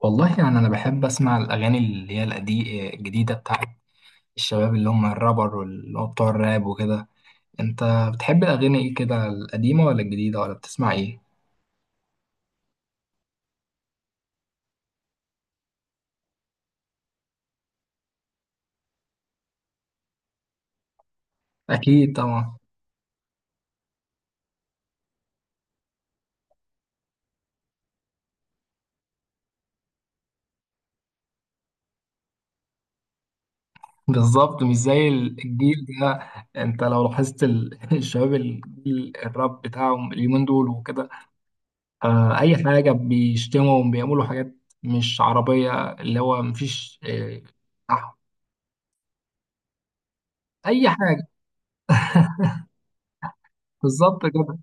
والله يعني أنا بحب أسمع الأغاني اللي هي القديمة الجديدة بتاعت الشباب اللي هم الرابر واللي هو بتوع الراب وكده. أنت بتحب الأغاني إيه كده، القديمة ولا الجديدة ولا بتسمع إيه؟ أكيد طبعا. بالظبط، مش زي الجيل ده. أنت لو لاحظت الشباب الجيل الراب بتاعهم اليومين دول وكده، أي حاجة بيشتموا، بيعملوا حاجات مش عربية، اللي هو مفيش أي حاجة. بالظبط كده.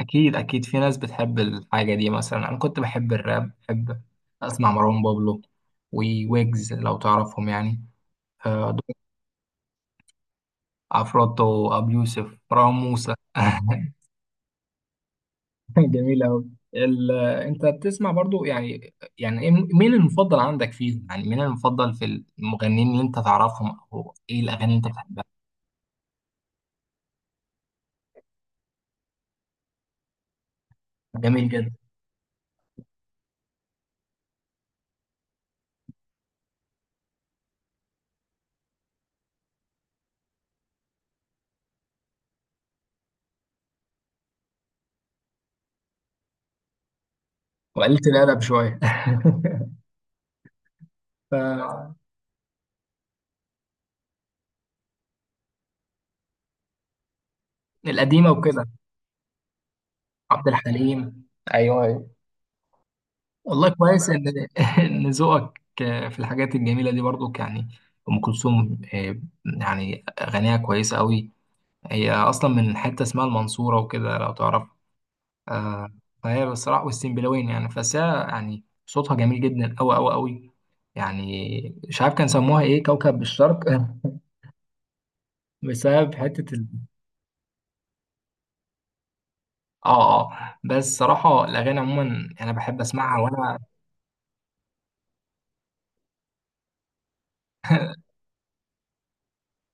اكيد اكيد، في ناس بتحب الحاجه دي. مثلا انا كنت بحب الراب، بحب اسمع مروان بابلو وويجز، لو تعرفهم يعني. دول عفروتو، ابو يوسف، مروان موسى. جميل أوي. ال... آه، أنت بتسمع برضو يعني، يعني مين المفضل عندك فيهم؟ يعني مين المفضل في المغنيين اللي أنت تعرفهم، أو إيه الأغاني اللي أنت بتحبها؟ جميل جدا. وقلت الأدب شوية. ف... القديمة وكده. عبد الحليم، أيوه أيوه. والله كويس ان ان ذوقك في الحاجات الجميله دي برضو يعني. ام كلثوم، يعني اغانيها كويسه قوي. هي اصلا من حته اسمها المنصوره وكده، لو تعرف. آه. فهي بصراحه، والسنبلاوين يعني. بس هي يعني صوتها جميل جدا، قوي قوي قوي. يعني مش عارف كان سموها ايه، كوكب الشرق. بسبب حته ال... اه اه. بس صراحه الاغاني عموما انا بحب اسمعها وانا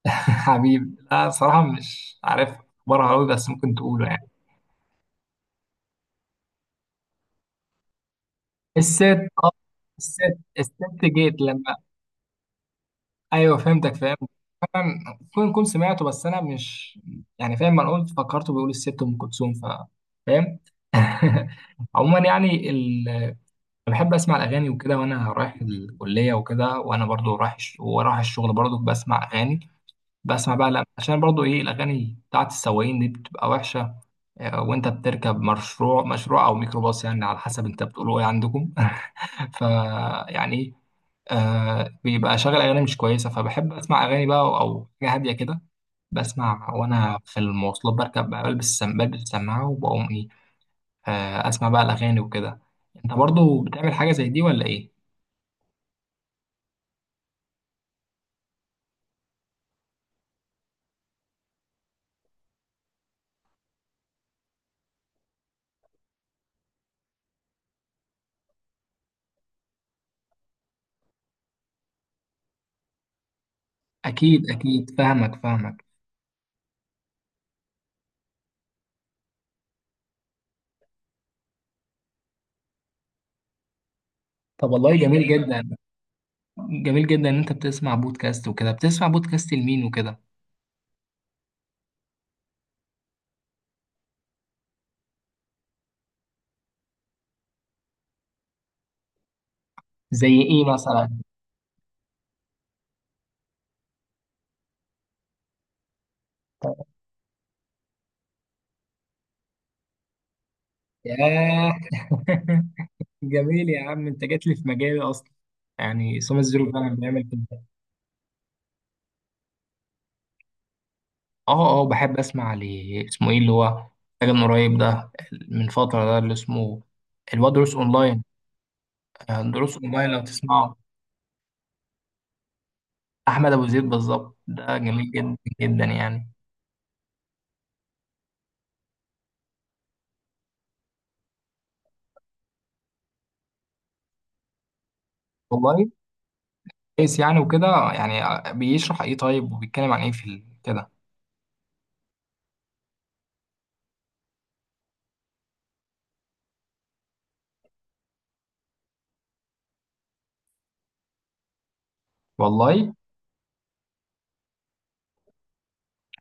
حبيب. لا صراحه مش عارف اخبارها قوي، بس ممكن تقوله يعني. الست. اه الست. الست جيت لما ايوه، فهمتك، فاهم. فعلا كنت سمعته، بس انا مش يعني فاهم. ما انا قلت فكرته بيقول الست ام كلثوم، فاهم. عموما يعني ال... أنا بحب اسمع الاغاني وكده وانا رايح الكليه وكده، وانا برضو رايح ورايح الشغل، برضو بسمع اغاني. بسمع بقى عشان برضو ايه، الاغاني بتاعت السواقين دي بتبقى وحشه. وانت بتركب مشروع او ميكروباص، يعني على حسب انت بتقولوا ايه عندكم. ف يعني آه بيبقى شغل اغاني مش كويسه، فبحب اسمع اغاني بقى أو حاجه هاديه كده. بسمع وانا في المواصلات، بركب بقى، بلبس بلبس السماعه، وبقوم ايه آه اسمع بقى الاغاني وكده. انت برضو بتعمل حاجه زي دي ولا ايه؟ اكيد اكيد، فاهمك فاهمك. طب والله جميل جدا، جميل جدا ان انت بتسمع بودكاست وكده. بتسمع بودكاست لمين وكده؟ زي ايه مثلا؟ ياه. جميل يا عم، انت جات لي في مجالي اصلا. يعني سومة الزيرو فعلا بيعمل كده. اه اه، بحب اسمع ل اسمه ايه، اللي هو حاجه من قريب ده، من فتره ده، اللي اسمه الواد دروس اونلاين. دروس اونلاين، لو تسمعه. احمد ابو زيد، بالظبط، ده جميل جدا جدا يعني. والله كويس يعني وكده. يعني بيشرح ايه طيب، وبيتكلم عن ايه في كده. والله.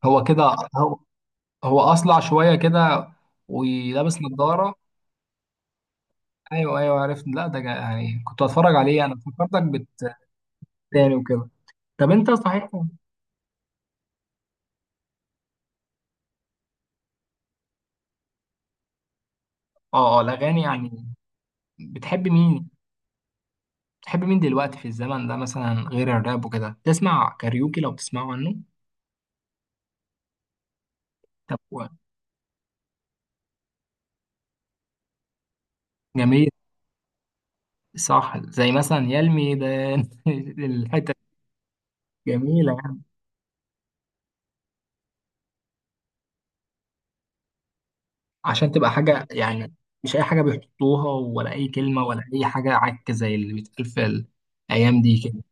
هو كده، هو هو اصلع شويه كده، ولابس نظاره. ايوه ايوه عرفت. لا ده يعني كنت بتفرج عليه. انا فكرتك تاني وكده. طب انت صحيح اه. اه الاغاني يعني بتحب مين؟ بتحب مين دلوقتي في الزمن ده، مثلا غير الراب وكده؟ تسمع كاريوكي، لو بتسمعوا عنه؟ طب و- جميل. صح، زي مثلا يا الميدان. الحتة جميلة يعني. عشان تبقى حاجة يعني، مش أي حاجة بيحطوها، ولا أي كلمة، ولا أي حاجة عك زي اللي بيتقال في الأيام دي كده.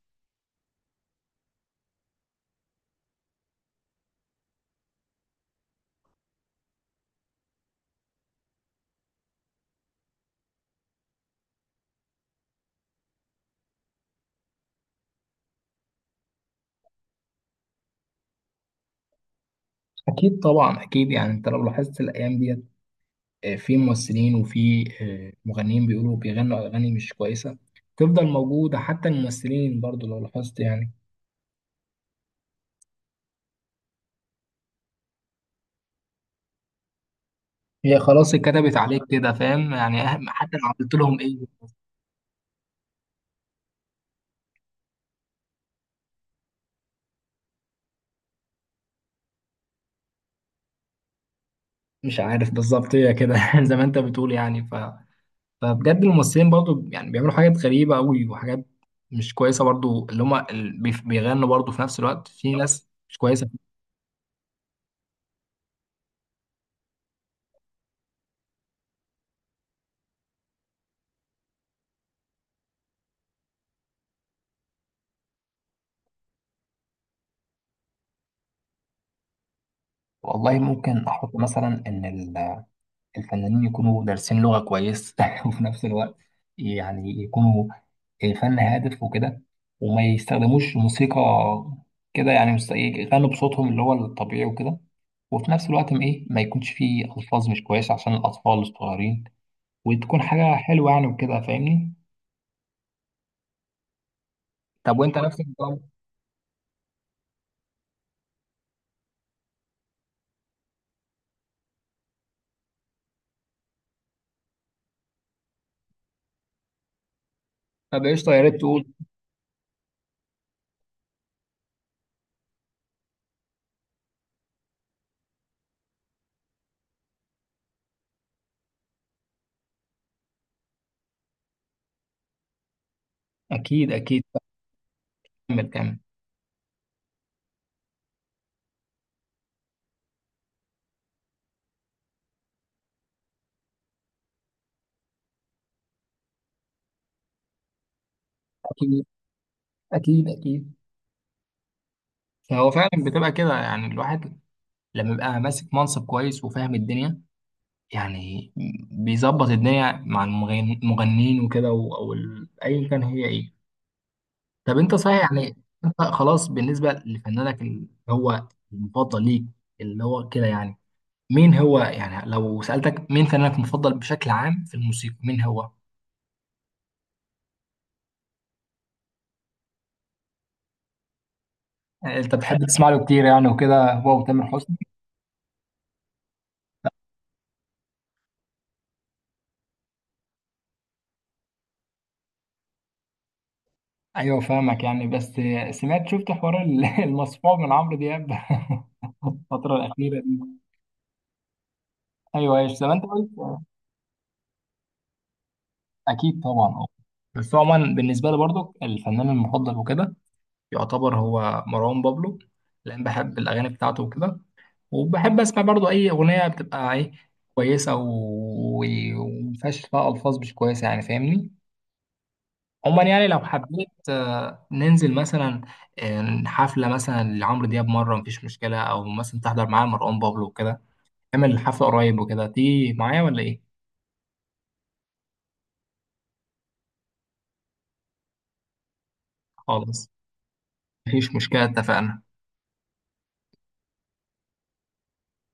أكيد طبعا، أكيد. يعني أنت لو لاحظت الأيام ديت، في ممثلين، وفي مغنيين بيقولوا بيغنوا أغاني مش كويسة، تفضل موجودة. حتى الممثلين برضو، لو لاحظت يعني. هي خلاص اتكتبت عليك كده، فاهم يعني، أهم حتى لو عملت لهم ايه. مش عارف بالظبط، هي كده زي ما انت بتقول يعني. فبجد الممثلين برضو يعني بيعملوا حاجات غريبة قوي، وحاجات مش كويسة برضو، اللي هما بيغنوا برضو في نفس الوقت، في ناس مش كويسة. والله ممكن احط مثلا ان الفنانين يكونوا دارسين لغة كويس، وفي نفس الوقت يعني يكونوا فن هادف وكده، وما يستخدموش موسيقى كده يعني، يغنوا بصوتهم اللي هو الطبيعي وكده، وفي نفس الوقت ما ايه، ما يكونش فيه ألفاظ مش كويسة، عشان الأطفال الصغيرين، وتكون حاجة حلوة يعني وكده، فاهمني. طب وانت نفسك طب. طب قشطة، يا ريت تقول. أكيد أكيد. كمل كمل. أكيد أكيد أكيد. هو فعلا بتبقى كده يعني، الواحد لما يبقى ماسك منصب كويس وفاهم الدنيا، يعني بيظبط الدنيا مع المغنيين وكده، ايا كان هي ايه. طب انت صحيح يعني، انت خلاص بالنسبه لفنانك اللي هو المفضل ليك، اللي هو كده يعني، مين هو؟ يعني لو سالتك مين فنانك المفضل بشكل عام في الموسيقى، مين هو؟ يعني انت بتحب تسمع له كتير يعني وكده، هو وتامر حسني؟ ايوه فاهمك يعني. بس شفت حوار المصفوع من عمرو دياب الفتره الاخيره دي؟ ايوه ايوه، زي ما انت قلت. اكيد طبعا اه. بس عموما بالنسبه لي برضو، الفنان المفضل وكده يعتبر هو مروان بابلو، لان بحب الاغاني بتاعته وكده، وبحب اسمع برضو اي اغنيه بتبقى ايه كويسه ومفيهاش، فيها الفاظ مش كويسه يعني، فاهمني. عموما يعني لو حبيت ننزل مثلا حفله مثلا لعمرو دياب مره، مفيش مشكله، او مثلا تحضر معايا مروان بابلو وكده، نعمل حفله قريب وكده، تيجي معايا ولا ايه؟ خالص، مفيش مشكله، اتفقنا.